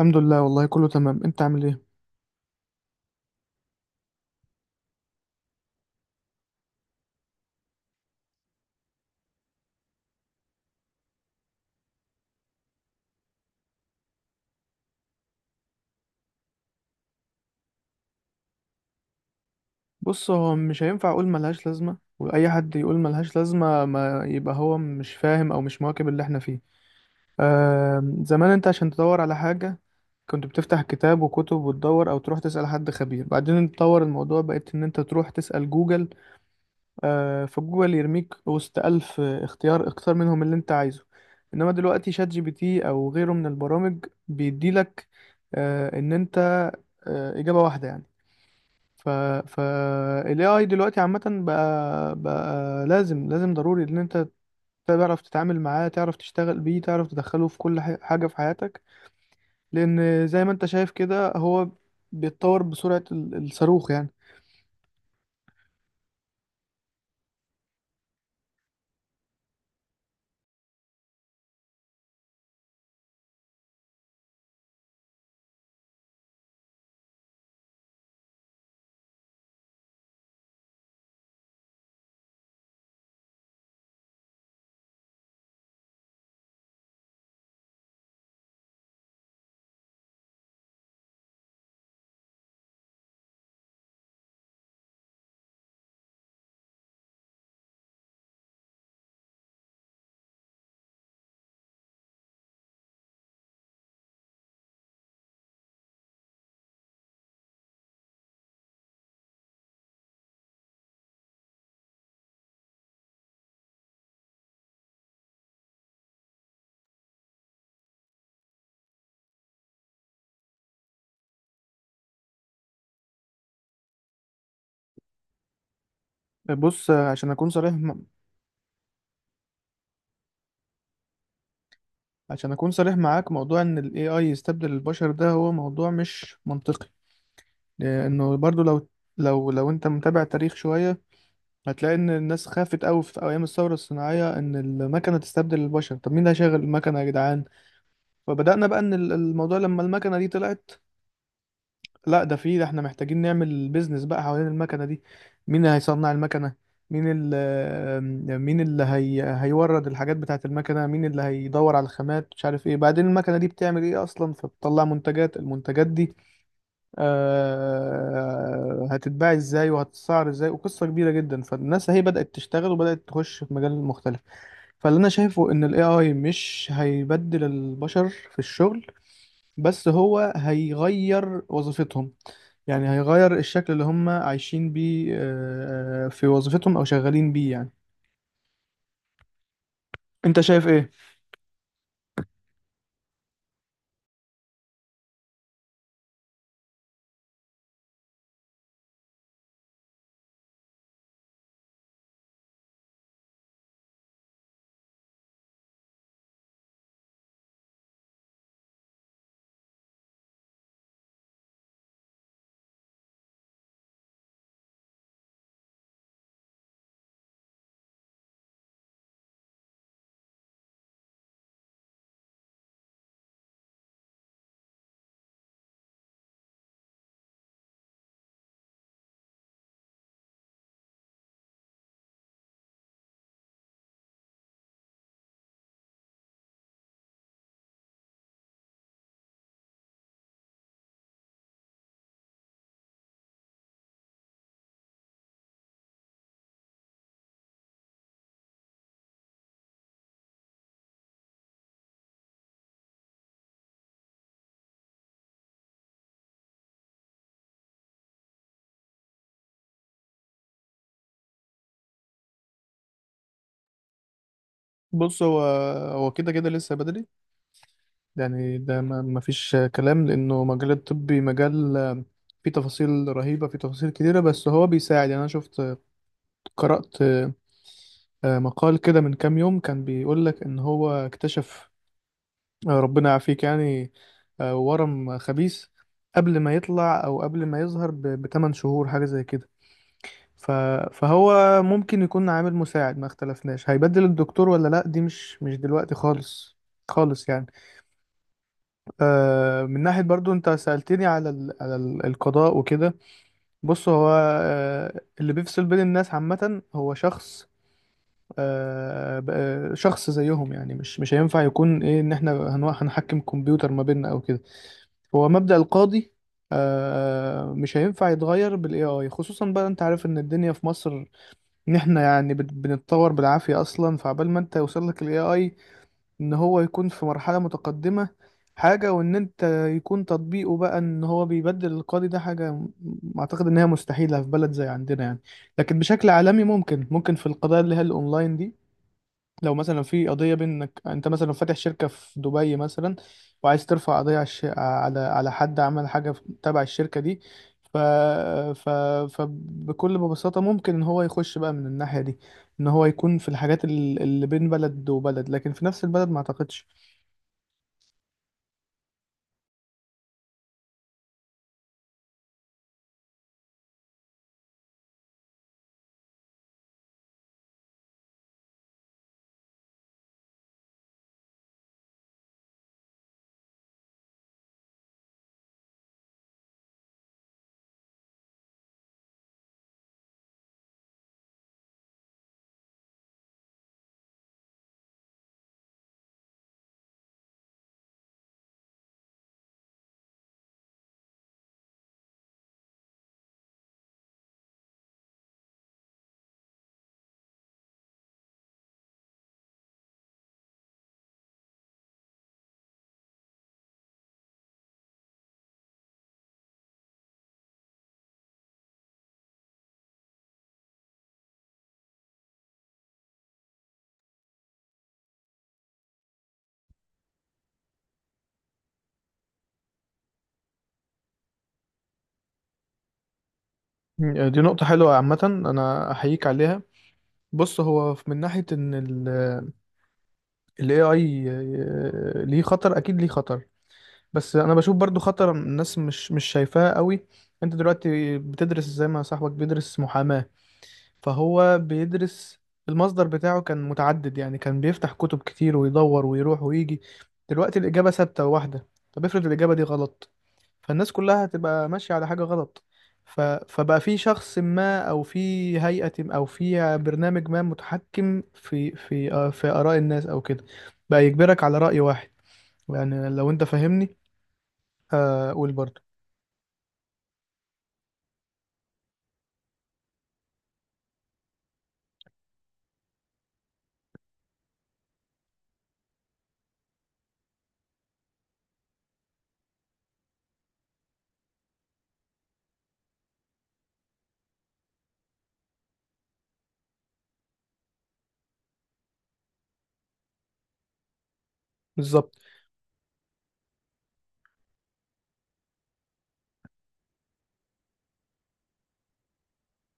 الحمد لله، والله كله تمام. انت عامل ايه؟ بص، هو مش هينفع اقول ملهاش لازمه. واي حد يقول ملهاش لازمه ما يبقى هو مش فاهم او مش مواكب اللي احنا فيه. آه، زمان انت عشان تدور على حاجه كنت بتفتح كتاب وكتب وتدور، او تروح تسال حد خبير. بعدين اتطور الموضوع، بقيت ان انت تروح تسال جوجل. آه، فجوجل يرميك وسط الف اختيار، اختار منهم اللي انت عايزه. انما دلوقتي شات جي بي تي او غيره من البرامج بيديلك آه ان انت آه، إجابة واحدة يعني. ف ف ال AI دلوقتي عامة بقى لازم ضروري ان انت تعرف تتعامل معاه، تعرف تشتغل بيه، تعرف تدخله في كل حاجة في حياتك. لان زي ما انت شايف كده، هو بيتطور بسرعة الصاروخ يعني. بص، عشان اكون صريح عشان اكون صريح معاك، موضوع ان ال AI يستبدل البشر ده هو موضوع مش منطقي. لانه برضو لو انت متابع تاريخ شوية، هتلاقي ان الناس خافت قوي في ايام الثوره الصناعيه ان المكنه تستبدل البشر. طب مين اللي هيشغل المكنه يا جدعان؟ فبدانا بقى ان الموضوع لما المكنه دي طلعت، لا ده، في ده احنا محتاجين نعمل بيزنس بقى حوالين المكنه دي. مين اللي هيصنع المكنه؟ هيورد الحاجات بتاعه المكنه؟ مين اللي هيدور على الخامات مش عارف ايه؟ بعدين المكنه دي بتعمل ايه اصلا؟ فبتطلع منتجات. المنتجات دي آه، هتتباع ازاي وهتتسعر ازاي؟ وقصة كبيرة جدا. فالناس هي بدأت تشتغل وبدأت تخش في مجال مختلف. فاللي انا شايفه ان الاي اي مش هيبدل البشر في الشغل، بس هو هيغير وظيفتهم. يعني هيغير الشكل اللي هم عايشين بيه آه، آه، في وظيفتهم او شغالين بيه يعني. انت شايف ايه؟ بص، هو كده كده لسه بدري. يعني ده ما فيش كلام، لأنه مجال الطبي مجال آه، فيه تفاصيل رهيبة، فيه تفاصيل كتيرة. بس هو بيساعد. يعني أنا شفت، قرأت آه، مقال كده من كام يوم كان بيقول لك إن هو اكتشف آه، ربنا يعافيك يعني، آه، ورم خبيث قبل ما يطلع، أو قبل ما يظهر بتمن شهور حاجة زي كده. ف- فهو ممكن يكون عامل مساعد، ما اختلفناش. هيبدل الدكتور ولا لأ؟ دي مش دلوقتي خالص، خالص يعني. آه، من ناحية برضو انت سألتني على القضاء وكده، بص، هو آه، اللي بيفصل بين الناس عامة هو شخص آه، شخص زيهم يعني. مش هينفع يكون ايه ان احنا هنحكم كمبيوتر ما بيننا او كده. هو مبدأ القاضي آه، مش هينفع يتغير بالاي اي، خصوصا بقى انت عارف ان الدنيا في مصر، ان احنا يعني بنتطور بالعافية اصلا. فعبال ما انت يوصل لك الاي اي ان هو يكون في مرحلة متقدمة حاجة، وان انت يكون تطبيقه بقى ان هو بيبدل القاضي، ده حاجة اعتقد ان هي مستحيلة في بلد زي عندنا يعني. لكن بشكل عالمي ممكن في القضايا اللي هي الاونلاين دي. لو مثلا في قضية بينك انت مثلا فاتح شركة في دبي مثلا، وعايز ترفع قضية على حد عمل حاجة تبع الشركة دي، ف... ف... فبكل ببساطة ممكن ان هو يخش بقى من الناحية دي، ان هو يكون في الحاجات اللي بين بلد وبلد، لكن في نفس البلد ما اعتقدش. مم، دي نقطة حلوة عامة، أنا أحييك عليها. بص، هو من ناحية إن ال AI آه، ليه خطر، أكيد ليه خطر. بس أنا بشوف برضو خطر الناس مش شايفاه قوي. أنت دلوقتي بتدرس زي ما صاحبك بيدرس محاماة، فهو بيدرس. المصدر بتاعه كان متعدد، يعني كان بيفتح كتب كتير ويدور ويروح ويجي. دلوقتي الإجابة ثابتة، واحدة. طب افرض الإجابة دي غلط؟ فالناس كلها هتبقى ماشية على حاجة غلط. فبقى في شخص ما، أو في هيئة ما، أو في برنامج ما متحكم في آه، في آراء الناس أو كده، بقى يجبرك على رأي واحد. يعني لو أنت فاهمني، آه، قول برضه. بالظبط،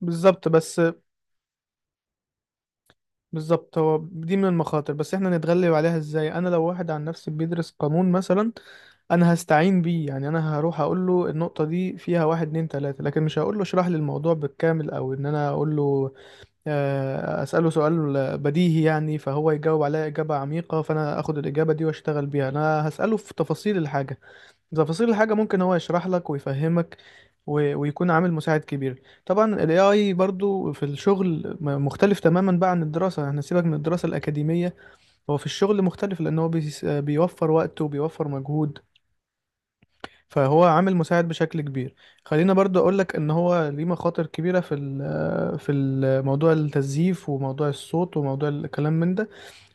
بالظبط بس بالظبط هو دي من المخاطر. بس احنا نتغلب عليها ازاي؟ انا لو واحد عن نفسي بيدرس قانون مثلا، انا هستعين بيه. يعني انا هروح اقول له النقطة دي فيها واحد اتنين تلاتة، لكن مش هقول له اشرح لي الموضوع بالكامل، او ان انا اقول له آه، اسأله سؤال بديهي يعني فهو يجاوب عليا اجابة عميقة فانا اخد الاجابة دي واشتغل بيها. انا هسأله في تفاصيل الحاجة، تفاصيل الحاجة ممكن هو يشرح لك ويفهمك ويكون عامل مساعد كبير. طبعا ال AI برضو في الشغل مختلف تماما بقى عن الدراسة. احنا سيبك من الدراسة الأكاديمية، هو في الشغل مختلف لأن هو بيوفر وقت وبيوفر مجهود، فهو عامل مساعد بشكل كبير. خلينا برضو أقولك إن هو ليه مخاطر كبيرة في موضوع التزييف، وموضوع الصوت، وموضوع الكلام من ده.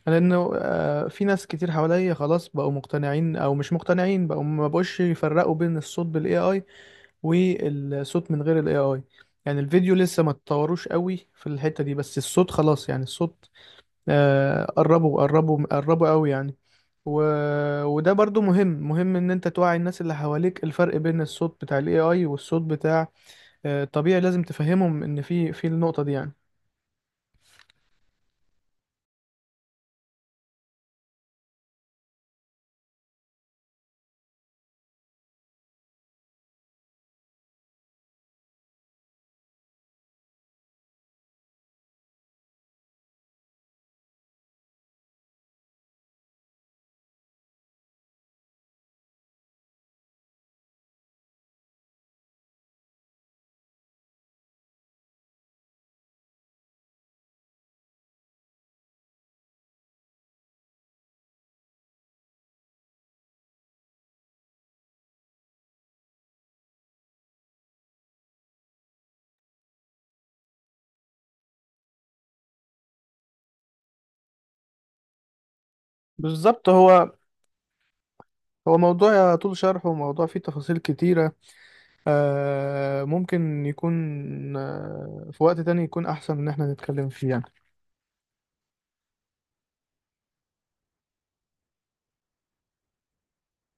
لأنه آه، في ناس كتير حواليا خلاص بقوا مقتنعين أو مش مقتنعين، بقوا ما بقوش يفرقوا بين الصوت بال AI والصوت من غير الاي اي. يعني الفيديو لسه ما اتطوروش قوي في الحتة دي، بس الصوت خلاص يعني. الصوت آه، قربوا قوي يعني. و... وده برضو مهم ان انت توعي الناس اللي حواليك الفرق بين الصوت بتاع الاي اي والصوت بتاع آه الطبيعي. لازم تفهمهم ان في النقطة دي يعني. بالظبط، هو موضوع طول شرحه، وموضوع فيه تفاصيل كتيرة. آه، ممكن يكون آه، في وقت تاني يكون احسن ان احنا نتكلم فيه يعني.